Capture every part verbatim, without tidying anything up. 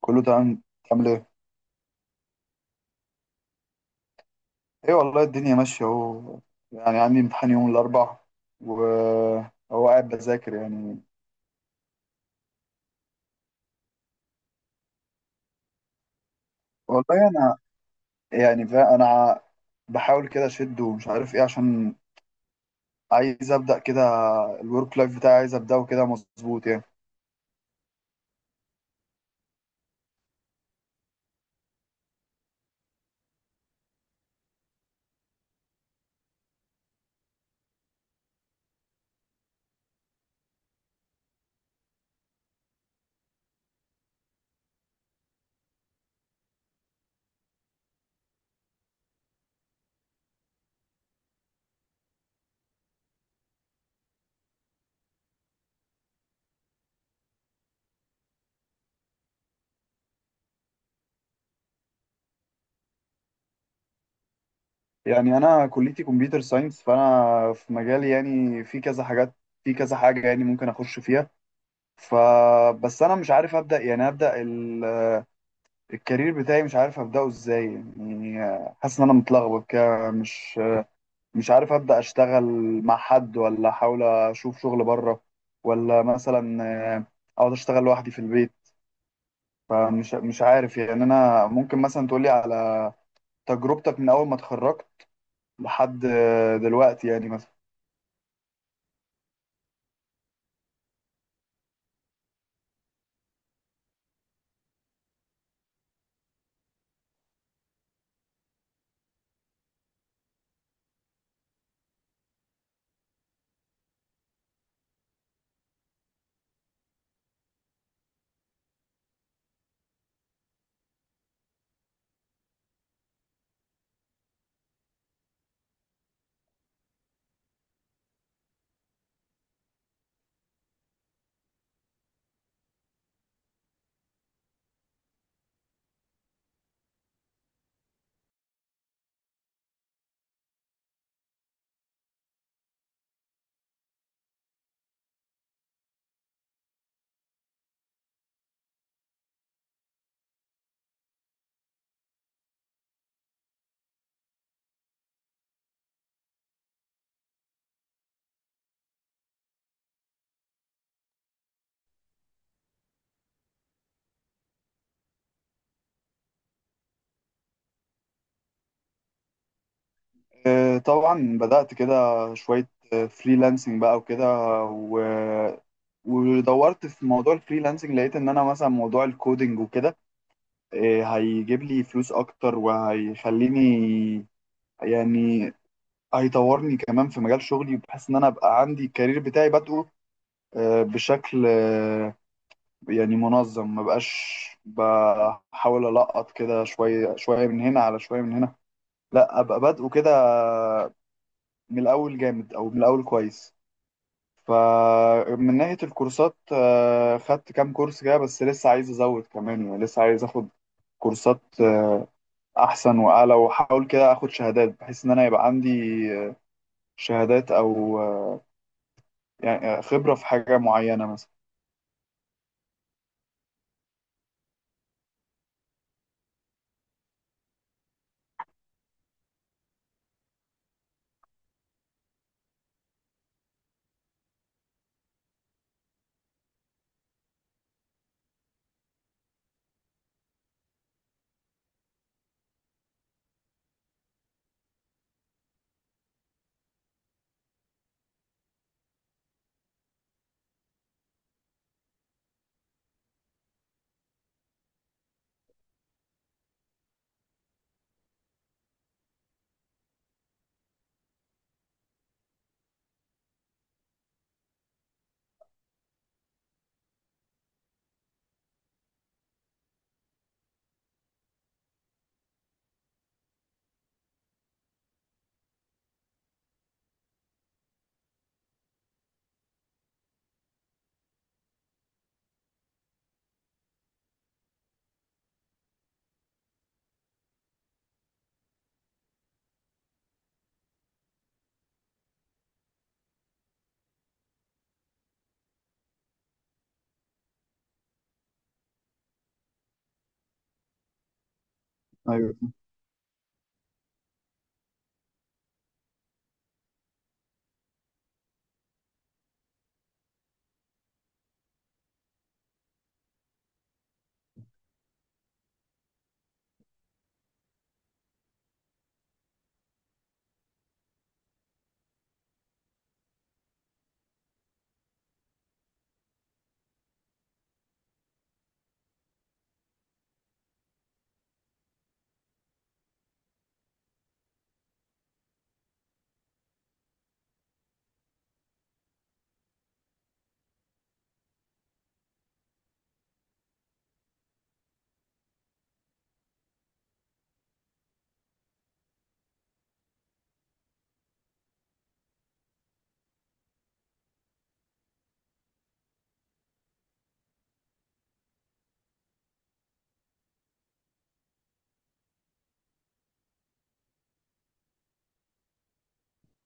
كله تمام. تعمل ايه؟ ايه والله، الدنيا ماشية اهو، يعني عندي امتحان يوم الأربع وهو قاعد بذاكر يعني. والله أنا يعني فا- أنا بحاول كده أشد ومش عارف ايه، عشان عايز أبدأ كده. الورك لايف بتاعي عايز أبدأه كده مظبوط يعني. يعني أنا كليتي كمبيوتر ساينس، فأنا في مجالي يعني في كذا حاجات، في كذا حاجة يعني ممكن أخش فيها. فبس أنا مش عارف أبدأ، يعني أبدأ الكارير بتاعي، مش عارف ابداه ازاي. يعني آه، حاسس ان انا متلخبط كده، مش مش عارف ابدا اشتغل مع حد، ولا احاول اشوف شغل بره، ولا مثلا آه، اقعد اشتغل لوحدي في البيت. فمش مش عارف، يعني انا ممكن مثلا تقولي على تجربتك من اول ما اتخرجت لحد آه، دلوقتي، يعني مثلا. آه، طبعا بدات كده شويه فريلانسنج بقى وكده، و ودورت في موضوع الفريلانسنج. لقيت ان انا مثلا موضوع الكودينج وكده إيه، هيجيب لي فلوس اكتر وهيخليني، يعني هيطورني كمان في مجال شغلي، بحيث ان انا ابقى عندي الكارير بتاعي بادئه آه، بشكل آه، يعني منظم، ما بقاش بحاول القط كده شويه شويه من هنا، على شويه من هنا. لا، ابقى بادئه كده من الاول جامد او من الاول كويس. فمن ناحيه الكورسات آه، خدت كام كورس كده، بس لسه عايز ازود كمان، يعني لسه عايز اخد كورسات آه، احسن واعلى، واحاول كده اخد شهادات بحيث ان انا يبقى عندي شهادات، او يعني خبره في حاجه معينه مثلا. ايوه.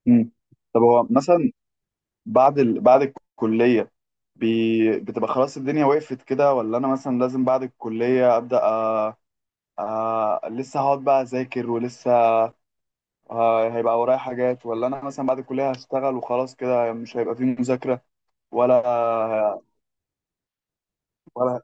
مم. طب هو مثلا بعد ال... بعد الكليه، بي... بتبقى خلاص الدنيا وقفت كده، ولا انا مثلا لازم بعد الكليه ابدا أ... أ... لسه هقعد بقى اذاكر، ولسه ه- هيبقى ورايا حاجات، ولا انا مثلا بعد الكليه هشتغل وخلاص كده مش هيبقى فيه مذاكره ولا؟ ولا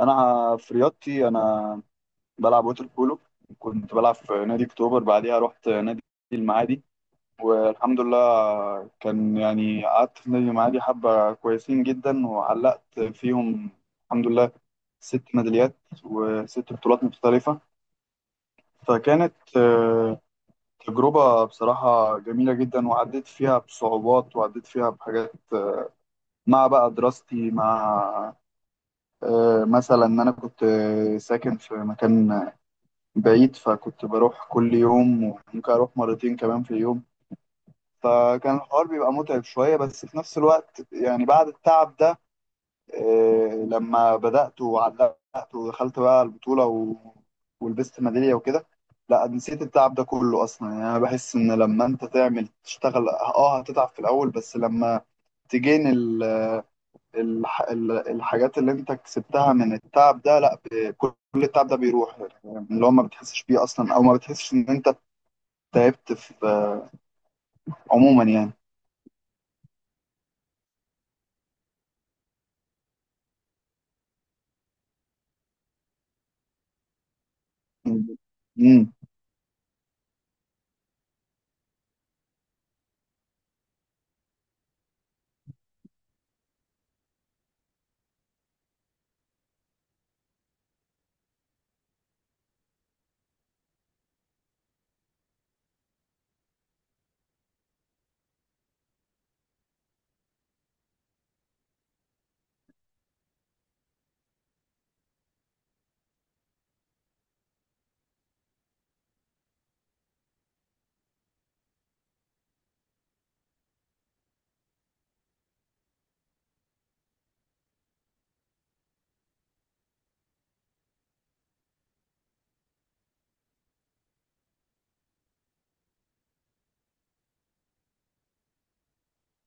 انا في رياضتي، انا بلعب ووتر بولو. كنت بلعب في نادي اكتوبر، بعديها رحت نادي المعادي. والحمد لله كان يعني قعدت في نادي المعادي حبة كويسين جدا، وعلقت فيهم الحمد لله ست ميداليات وست بطولات مختلفة. فكانت آه، تجربة بصراحة جميلة جدا، وعديت فيها بصعوبات، وعديت فيها بحاجات، آه، مع بقى دراستي، مع آه، مثلا ان انا كنت آه، ساكن في مكان بعيد، فكنت بروح كل يوم وممكن أروح مرتين كمان في اليوم. فكان الحوار بيبقى متعب شوية، بس في نفس الوقت يعني بعد التعب ده آه، لما بدأت وعلقت ودخلت بقى البطولة و... ولبست ميدالية وكده، لا نسيت التعب ده كله أصلا. يعني أنا بحس إن لما أنت تعمل تشتغل أه هتتعب في الأول، بس لما تجين ال... الح... ال- الحاجات اللي أنت كسبتها من التعب ده، لا، ب- كل التعب ده بيروح، يعني اللي هو ما بتحسش بيه أصلا، أو ما بتحسش إن أنت تعبت في عموما يعني. امم.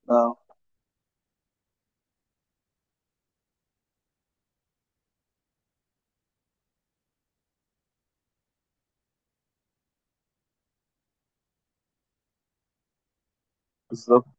اه. بالظبط.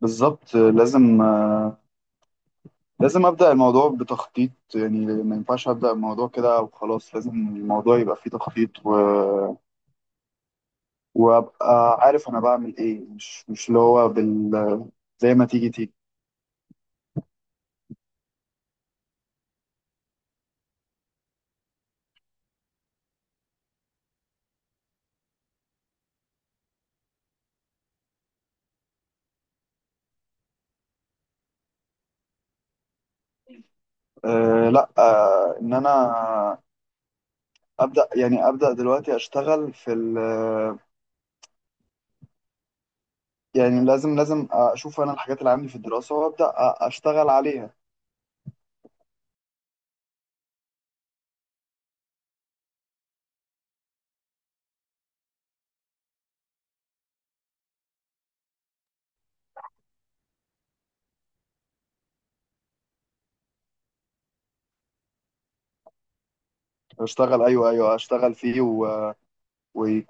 بالظبط، لازم آه، لازم ابدا الموضوع بتخطيط، يعني ما ينفعش ابدا الموضوع كده وخلاص، لازم الموضوع يبقى فيه تخطيط و... وابقى عارف انا بعمل ايه، مش مش اللي هو بال زي ما تيجي تيجي. أه لا، أه ان انا ابدا، يعني ابدا دلوقتي اشتغل في ال يعني لازم لازم اشوف انا الحاجات اللي عندي في الدراسه، وابدا اشتغل عليها. اشتغل، ايوه، ايوه، اشتغل فيه و... ويكون